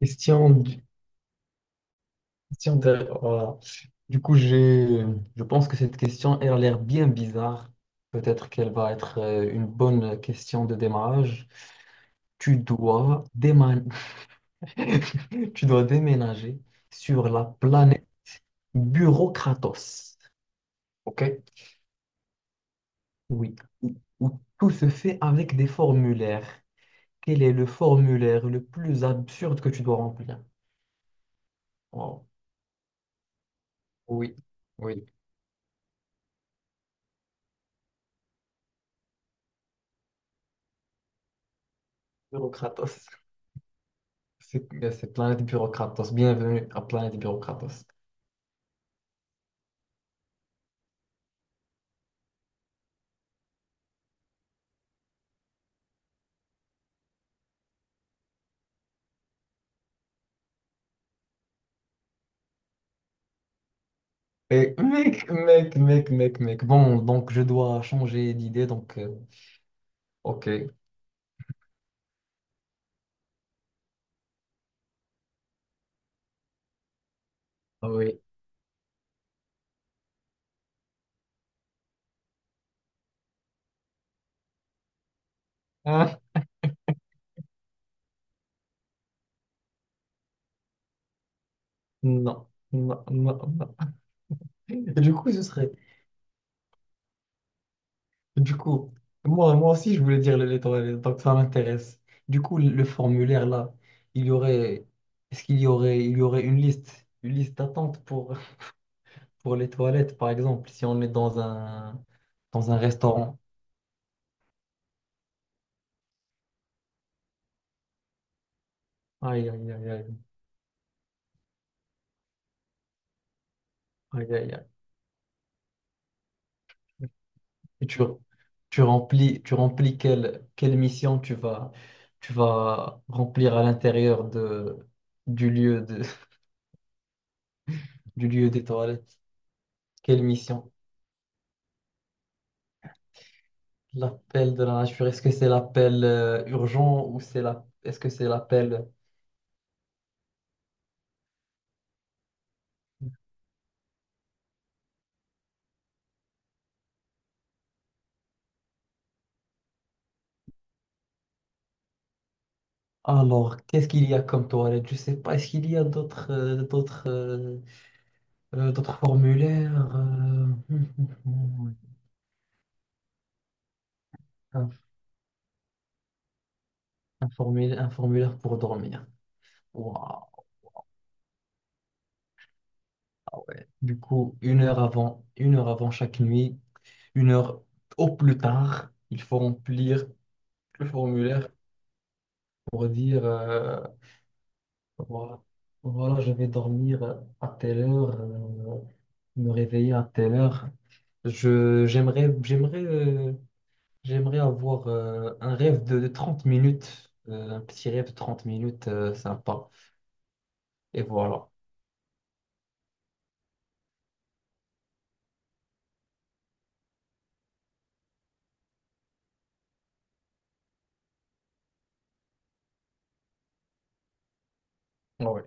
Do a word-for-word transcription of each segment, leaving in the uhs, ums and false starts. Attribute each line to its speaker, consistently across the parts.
Speaker 1: Question, du- question de, voilà. Du coup, j'ai, je pense que cette question, elle a l'air bien bizarre. Peut-être qu'elle va être euh, une bonne question de démarrage. Tu dois déman- tu dois déménager sur la planète Bureaucratos. OK? Oui. Où, où tout se fait avec des formulaires. Quel est le formulaire le plus absurde que tu dois remplir? Wow. Oui. Oui. Bureaucratos. C'est ben, c'est Planète Bureaucratos. Bienvenue à Planète Bureaucratos. Et mec, mec, mec, mec, mec! Bon, donc je dois changer d'idée, donc euh, ok. Ah oui. Hein? Non, non, non, non. Et du coup, ce serait. Du coup, moi, moi aussi, je voulais dire les lettres, les lettres, donc ça m'intéresse. Du coup, le formulaire, là, il y aurait... Est-ce qu'il y aurait... Il y aurait une liste, une liste d'attente pour, pour les toilettes, par exemple, si on est dans un, dans un restaurant. Aïe, aïe, aïe, aïe! Aïe, aïe, aïe! Et tu, tu remplis, tu remplis quelle, quelle mission tu vas, tu vas remplir à l'intérieur de, du lieu de, du lieu des toilettes. Quelle mission? L'appel de la nature, est-ce que c'est l'appel euh, urgent ou c'est la, est-ce que c'est l'appel. Alors, qu'est-ce qu'il y a comme toilette? Je sais pas, est-ce qu'il y a d'autres euh, d'autres euh, euh, d'autres formulaires? euh, Un, un formulaire, un formulaire pour dormir. Waouh. Du coup, une heure avant, une heure avant chaque nuit, une heure au plus tard, il faut remplir le formulaire pour dire euh, voilà, voilà, je vais dormir à telle heure, euh, me réveiller à telle heure. Je, j'aimerais, j'aimerais, euh, j'aimerais avoir euh, un rêve de, de trente minutes, euh, un petit rêve de trente minutes euh, sympa. Et voilà. Ouais,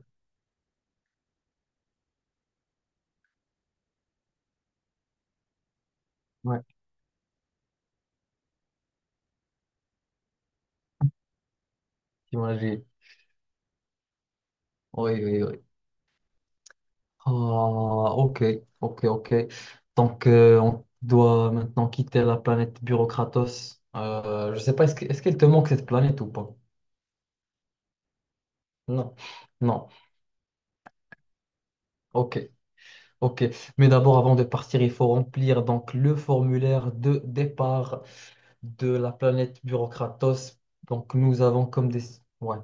Speaker 1: ouais, t'imagines. Oui, oui, oui. Ah, ok, ok, ok. Donc, euh, on doit maintenant quitter la planète Bureaucratos. Euh, je sais pas, est-ce que- est-ce qu'elle te manque cette planète ou pas? Non, non. Ok, ok. Mais d'abord, avant de partir, il faut remplir donc le formulaire de départ de la planète Bureaucratos. Donc, nous avons comme des. Ouais,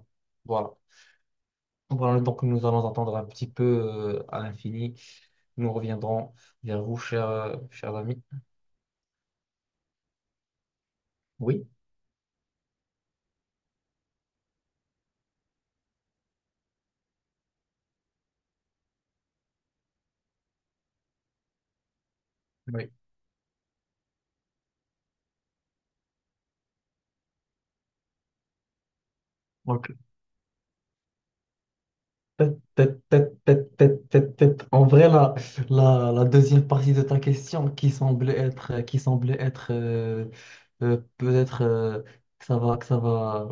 Speaker 1: voilà. Voilà, donc nous allons attendre un petit peu euh, à l'infini. Nous reviendrons vers vous, chers, euh, chers amis. Oui, oui. Ok. Tête, tête, tête, tête, tête, tête, tête! En vrai, la, la, la deuxième partie de ta question qui semblait être, qui semblait être euh, euh, peut-être euh, que ça va, que ça va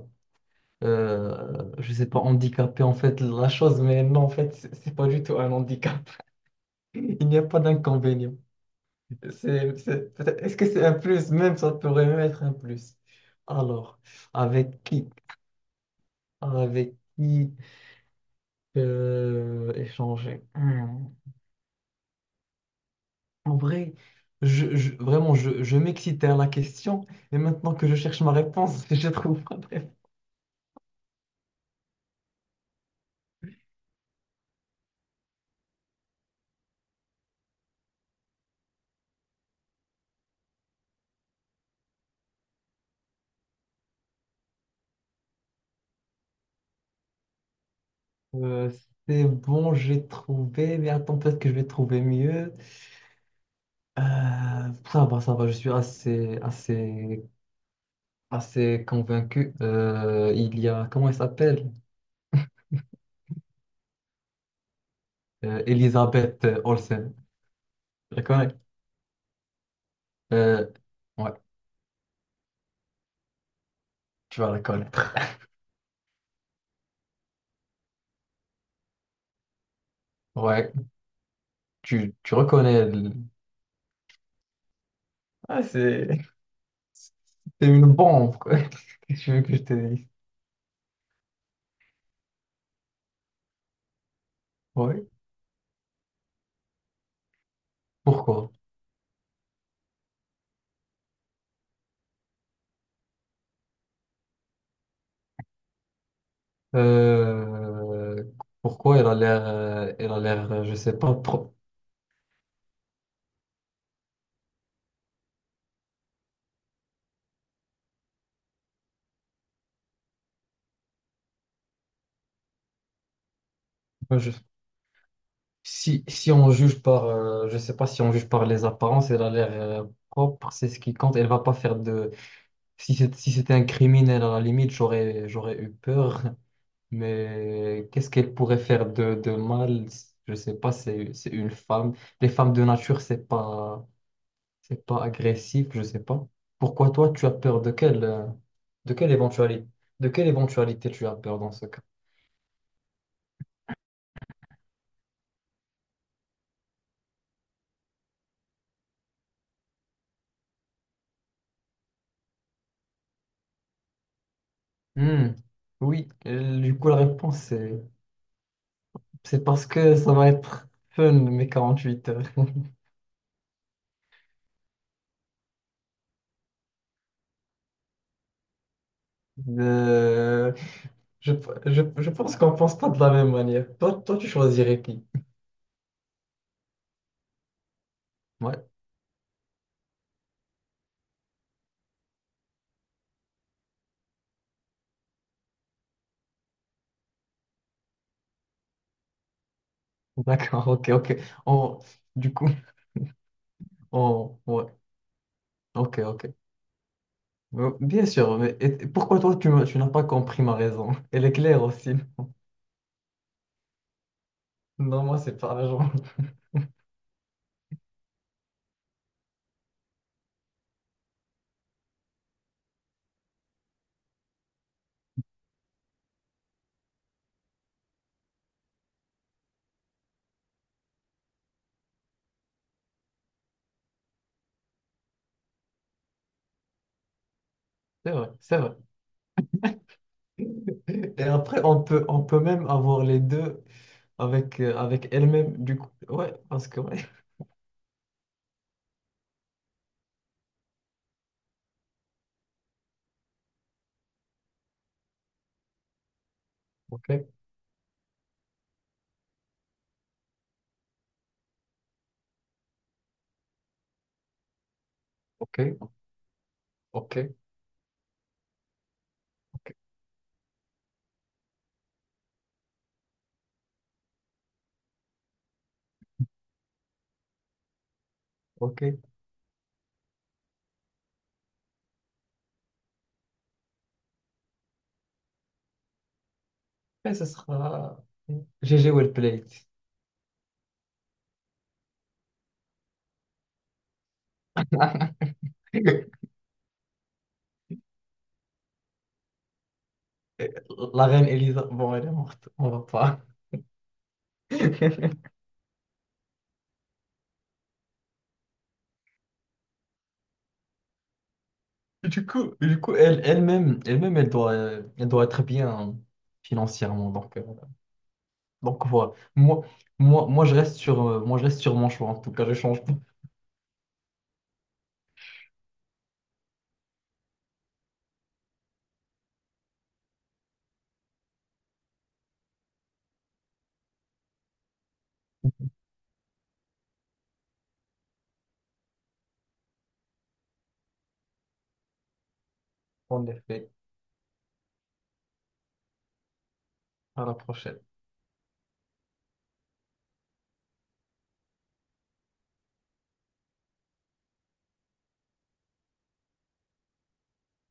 Speaker 1: euh, je sais pas, handicaper en fait la chose, mais non, en fait, c'est c'est pas du tout un handicap. Il n'y a pas d'inconvénient. C'est, c'est- peut-être- est-ce que c'est un plus? Même ça pourrait même être un plus. Alors, avec qui? Avec qui euh, échanger? Hmm. En vrai, je, je- vraiment, je, je m'excitais à la question, et maintenant que je cherche ma réponse, je trouve pas de. Euh, c'est bon, j'ai trouvé, mais attends, peut-être que je vais trouver mieux. Euh, ça va, ça va, je suis assez, assez, assez convaincu. Euh, il y a, comment elle s'appelle? Euh, Elisabeth Olsen. Je la connais. Euh, ouais, tu vas la connaître. Ouais, tu, tu reconnais. le- Ah, c'est c'est une bombe, quoi. Qu'est-ce que tu veux que je te dise? Ouais. Pourquoi? Euh, Pourquoi elle a l'air, euh, elle a l'air, euh, je sais pas, pro- moi, je- si, si on juge par, euh, je sais pas si on juge par les apparences, elle a l'air euh, propre, c'est ce qui compte. Elle va pas faire de, si c'est- si c'était un criminel à la limite, j'aurais, j'aurais eu peur. Mais qu'est-ce qu'elle pourrait faire de, de mal? Je sais pas, c'est, c'est une femme. Les femmes de nature, c'est pas. C'est pas agressif, je sais pas. Pourquoi toi, tu as peur de quelle, euh, de quelle éventualité, de quelle éventualité tu as peur dans ce cas? Hmm. Oui, euh, du coup, la réponse, c'est, c'est parce que ça va être fun, mes quarante-huit heures. Euh, je, je, je pense qu'on pense pas de la même manière. Toi, toi, tu choisirais qui? Ouais, d'accord, ok, ok. On- du coup, on, ouais, ok, ok. Euh, Bien sûr, mais et- et pourquoi toi, tu, m'as- tu n'as pas compris ma raison? Elle est claire aussi. Non, moi, c'est par la jambe. C'est vrai, c'est vrai. Et après, on peut, on peut même avoir les deux avec, euh, avec elle-même, du coup. Ouais, parce que, ouais. Ok, ok, ok, ok, ok. Et ce sera G G Wellplate. La reine Elisa, bon, elle est morte, on va pas. Du coup, du coup elle, elle-même, elle-même, elle doit, euh, elle doit être bien financièrement. Donc, euh, donc voilà. Moi, moi, moi, je reste sur, euh, moi, je reste sur mon choix. En tout cas, je change pas. En effet. À la prochaine.